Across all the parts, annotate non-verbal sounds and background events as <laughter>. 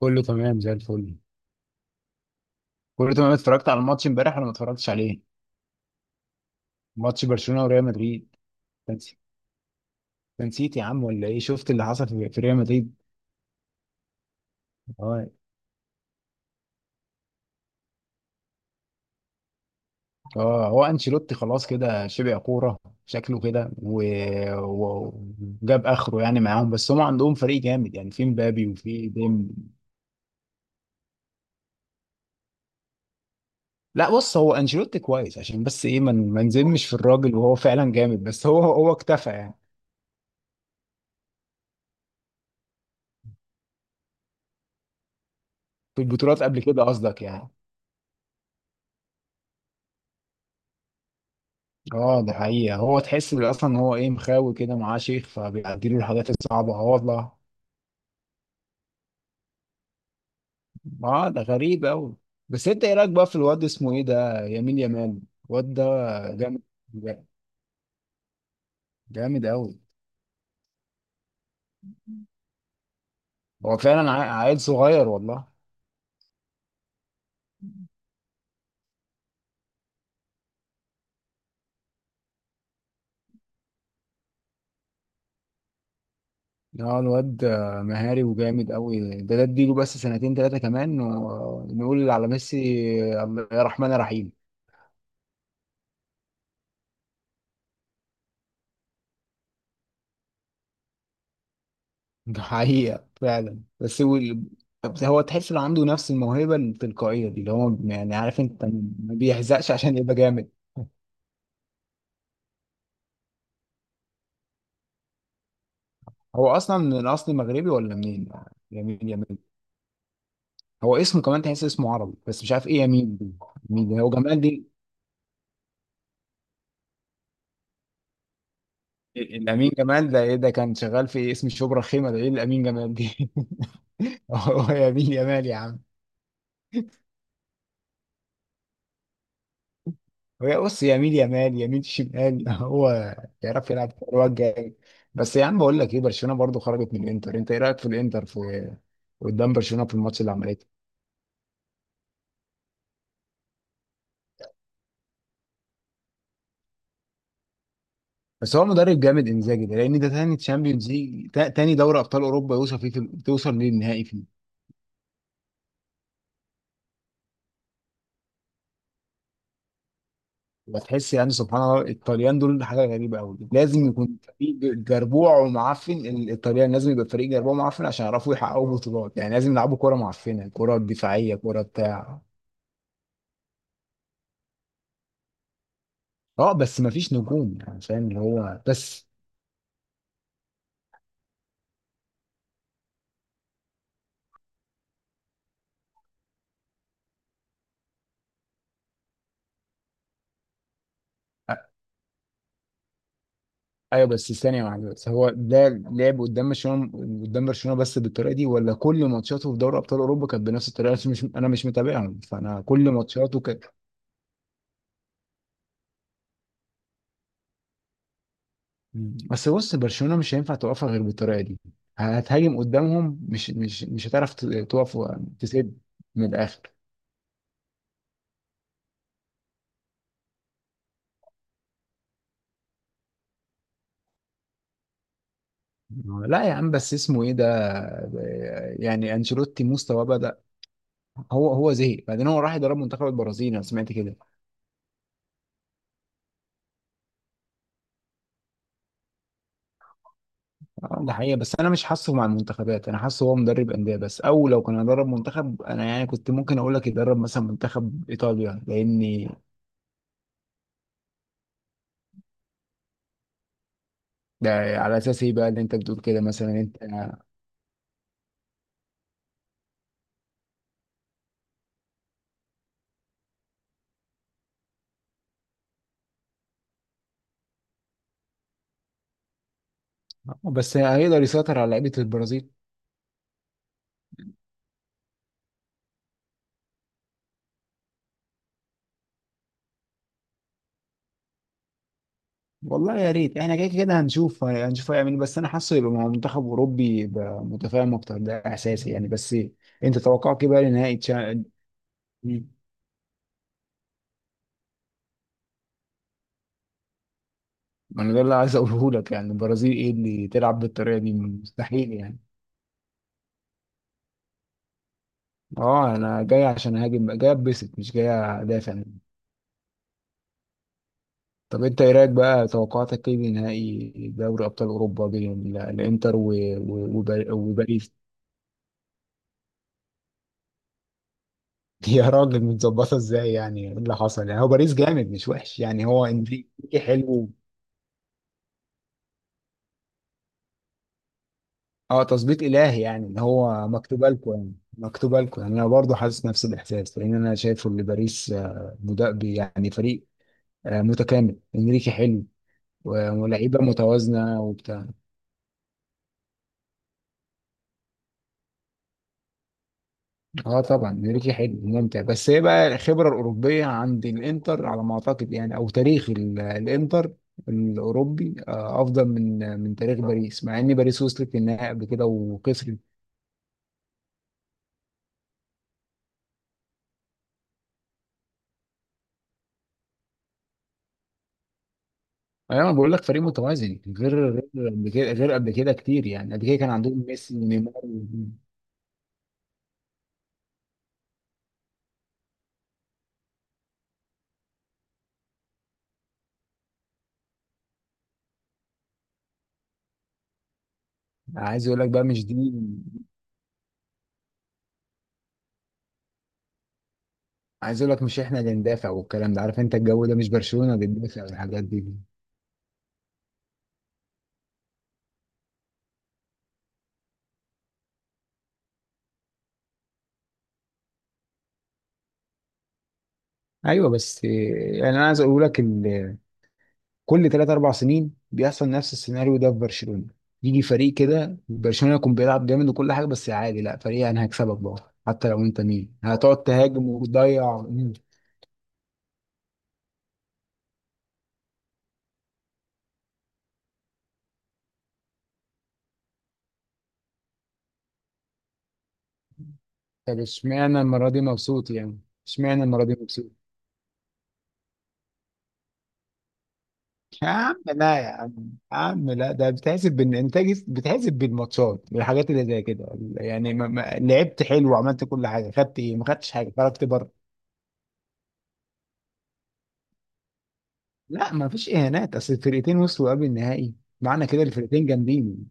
كله تمام زي الفل. كله تمام، اتفرجت على الماتش امبارح ولا ما اتفرجتش عليه؟ ماتش برشلونة وريال مدريد. تنسي تنسيت يا عم ولا ايه؟ شفت اللي حصل في ريال مدريد. اه. اه، هو انشيلوتي خلاص كده شبع كورة. شكله كده و- وجاب اخره يعني معاهم، بس هم عندهم فريق جامد يعني، في مبابي وفي ديم. لا بص، هو انشيلوتي كويس عشان بس ايه، ما نزمش في الراجل وهو فعلا جامد، بس هو اكتفى يعني. في البطولات قبل كده قصدك يعني؟ اه دي حقيقة. هو تحس اصلا ان هو ايه، مخاوي كده معاه شيخ، فبيعدي له الحاجات الصعبة، اه والله. اه ده غريب اوي. بس انت ايه رايك بقى في الواد اسمه ايه ده، يمين يمان؟ الواد ده جامد. جامد اوي. هو فعلا عيل صغير والله. اه، الواد مهاري وجامد اوي. ده اديله بس سنتين تلاتة كمان ونقول على ميسي. يا رحمن يا رحيم. ده حقيقة فعلا، بس هو تحس انه عنده نفس الموهبة التلقائية دي، اللي هو يعني، عارف، انت ما بيحزقش عشان يبقى جامد. هو اصلا من اصل مغربي ولا منين؟ يمين يمين. هو اسمه كمان تحس اسمه عربي، بس مش عارف ايه يمين دي. مين ده، هو جمال دي؟ الامين جمال ده ايه، ده كان شغال في اسم شبرا خيمة؟ ده ايه الامين جمال دي؟ <laughs> هو يمين يمال يا عم. هي بص، يمين يمال، يمين شمال <laughs> هو يعرف يلعب كوره جامد. بس يا عم، بقول لك ايه، برشلونه برضو خرجت من الانتر. انت ايه رايك في الانتر في قدام برشلونه في الماتش اللي عملته؟ بس هو مدرب جامد انزاجي ده، لان ده تاني تشامبيونز ليج، تاني دوري ابطال اوروبا يوصل فيه في توصل للنهائي فيه. وتحس يعني سبحان الله، الطليان دول حاجه غريبه قوي، لازم يكون فريق جربوع ومعفن، الطليان لازم يبقى فريق جربوع ومعفن عشان يعرفوا يحققوا بطولات، يعني لازم يلعبوا كوره معفنه، كوره دفاعيه، كوره بتاع. اه بس مفيش نجوم يعني، فاهم اللي هو، بس. أ- ايوه بس ثانية واحدة، بس هو ده لعب قدام برشلونة بس بالطريقة دي، ولا كل ماتشاته في دوري ابطال اوروبا كانت بنفس الطريقة؟ عشان مش انا مش متابعهم، فانا كل ماتشاته كانت. بس بص، برشلونة مش هينفع توقفها غير بالطريقة دي. هتهاجم قدامهم، مش هتعرف تقف تسد من الاخر. لا يا عم، بس اسمه ايه ده، يعني انشيلوتي مستواه بدأ. هو زهق بعدين، هو راح يدرب منتخب البرازيل، انا سمعت كده. ده حقيقة، بس أنا مش حاسه مع المنتخبات. أنا حاسه هو مدرب أندية بس، أو لو كان هيدرب منتخب، أنا يعني كنت ممكن أقول لك يدرب مثلا منتخب إيطاليا لأني. ده على أساس إيه بقى اللي أنت بتقول كده، مثلا أنت؟ بس هيقدر يسيطر على لعيبة البرازيل؟ والله يا ريت، إحنا كده كده هنشوف هيعمل إيه، بس أنا حاسه يبقى مع منتخب أوروبي يبقى متفاهم أكتر، ده إحساسي يعني، بس. أنت توقعك إيه بقى لنهائي ما أنا ده اللي عايز أقوله لك، يعني البرازيل إيه اللي تلعب بالطريقة دي، مستحيل يعني. اه، انا جاي عشان اهاجم، جاي اتبسط، مش جاي ادافع. طب انت ايه رايك بقى، توقعاتك ايه لنهائي دوري ابطال اوروبا بين الانتر وباريس؟ <laughs> يا راجل، متظبطه ازاي يعني، ايه اللي حصل يعني؟ هو باريس جامد، مش وحش يعني، هو انريكي حلو. اه، تظبيط الهي يعني، ان هو مكتوبه لكم، يعني مكتوبه لكم. يعني انا برضه حاسس نفس الاحساس، لان انا شايفه ان باريس يعني فريق متكامل، انريكي حلو ولاعيبه متوازنه وبتاع. اه طبعا انريكي حلو ممتع، بس هي بقى الخبره الاوروبيه عند الانتر على ما اعتقد يعني، او تاريخ الانتر الاوروبي افضل من تاريخ باريس، مع ان باريس وصلت للنهائي قبل كده وخسرت. انا بقول لك فريق متوازن، غير قبل كده، غير قبل كده كتير، يعني قبل كده كان عندهم ميسي ونيمار عايز اقول لك بقى، مش دي. عايز اقول لك، مش احنا اللي ندافع والكلام ده، عارف انت الجو ده، مش برشلونه اللي بتدافع والحاجات دي. ايوه بس، يعني انا عايز اقول لك، كل ثلاث اربع سنين بيحصل نفس السيناريو ده في برشلونه. يجي فريق كده برشلونه يكون بيلعب جامد وكل حاجه، بس عادي، لا فريق انا هكسبك بقى حتى لو انت مين، هتقعد تهاجم وتضيع. طب اشمعنى المره دي مبسوط يعني؟ اشمعنى المره دي مبسوط؟ يا عم لا، يا عم. يا عم لا، ده بتحسب بالانتاج، بتحسب بالماتشات، بالحاجات اللي زي كده، يعني ما لعبت حلو وعملت كل حاجه، خدت ايه؟ ما خدتش حاجه، خرجت بره. لا ما فيش اهانات، اصل الفرقتين وصلوا قبل النهائي، معنى كده الفرقتين جامدين.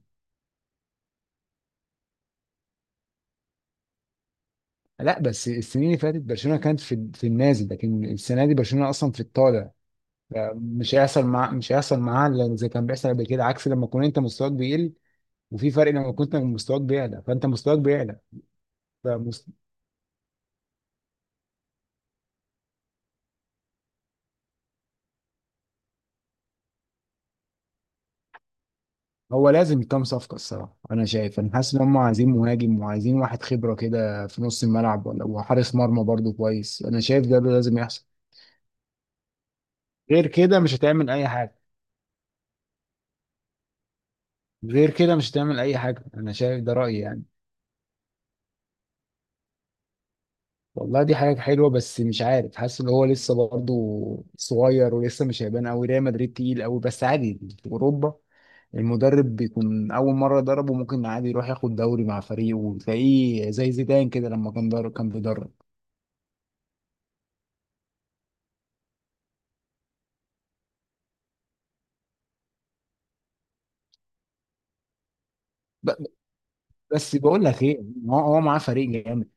لا بس السنين اللي فاتت برشلونه كانت في النازل، لكن السنه دي برشلونه اصلا في الطالع. مش هيحصل معاها إلا زي كان بيحصل قبل كده، عكس لما تكون انت مستواك بيقل. وفي فرق، لما كنت مستواك بيعلى، فانت مستواك بيعلى. فمست... هو لازم كام صفقه الصراحه. انا شايف، انا حاسس ان هم عايزين مهاجم، وعايزين واحد خبره كده في نص الملعب، ولا وحارس مرمى برضو كويس، انا شايف ده لازم يحصل. غير كده مش هتعمل اي حاجه. غير كده مش هتعمل اي حاجه، انا شايف ده رايي يعني. والله دي حاجة حلوة، بس مش عارف، حاسس ان هو لسه برضه صغير، ولسه مش هيبان قوي، ريال مدريد تقيل قوي، بس عادي في اوروبا المدرب بيكون اول مرة يدربه، ممكن عادي يروح ياخد دوري مع فريقه، وتلاقيه زي زيدان كده لما كان درب، كان بيدرب. ب- بس بقول لك ايه، هو معاه فريق جامد.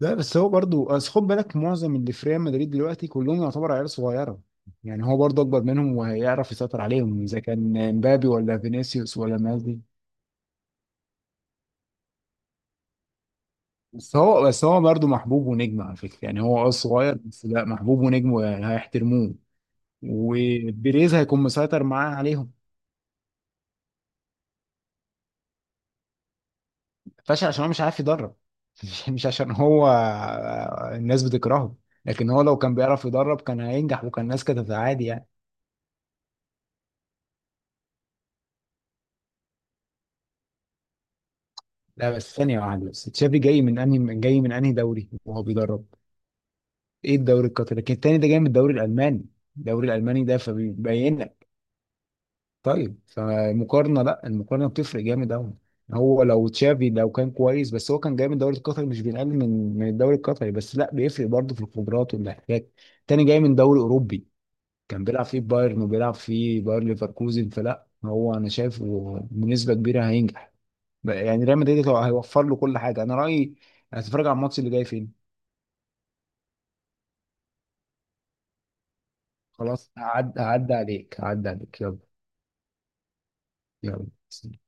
لا بس هو برضه أصل، خد بالك معظم اللي في ريال مدريد دلوقتي كلهم يعتبر عيال صغيرة، يعني هو برضه اكبر منهم وهيعرف يسيطر عليهم، اذا كان مبابي ولا فينيسيوس ولا الناس دي. بس هو برضه محبوب ونجم على فكرة، يعني هو اه صغير، بس لا، محبوب ونجم وهيحترموه. وبيريز هيكون مسيطر معاه عليهم. فاشل عشان هو مش عارف يدرب <laughs> مش عشان هو الناس بتكرهه، لكن هو لو كان بيعرف يدرب، كان هينجح وكان الناس كانت عادي يعني. لا بس ثانية واحدة، بس تشافي جاي من انهي دوري وهو بيدرب؟ ايه الدوري القطري؟ لكن التاني ده جاي من الدوري الألماني. الدوري الألماني ده فبيبين. طيب فمقارنة، لا، المقارنة بتفرق جامد قوي. هو لو تشافي لو كان كويس، بس هو كان جاي من الدوري القطري، مش بينقل من الدوري القطري بس، لا بيفرق برضه في الخبرات والاحتكاك. تاني جاي من دوري اوروبي، كان بيلعب فيه بايرن وبيلعب فيه باير ليفركوزن، فلا هو انا شايفه بنسبة كبيرة هينجح، يعني ريال مدريد هيوفر له كل حاجة، انا رأيي. هتتفرج على الماتش اللي جاي فين؟ خلاص، هعدي عليك، هعدي عليك، يلا. يلا.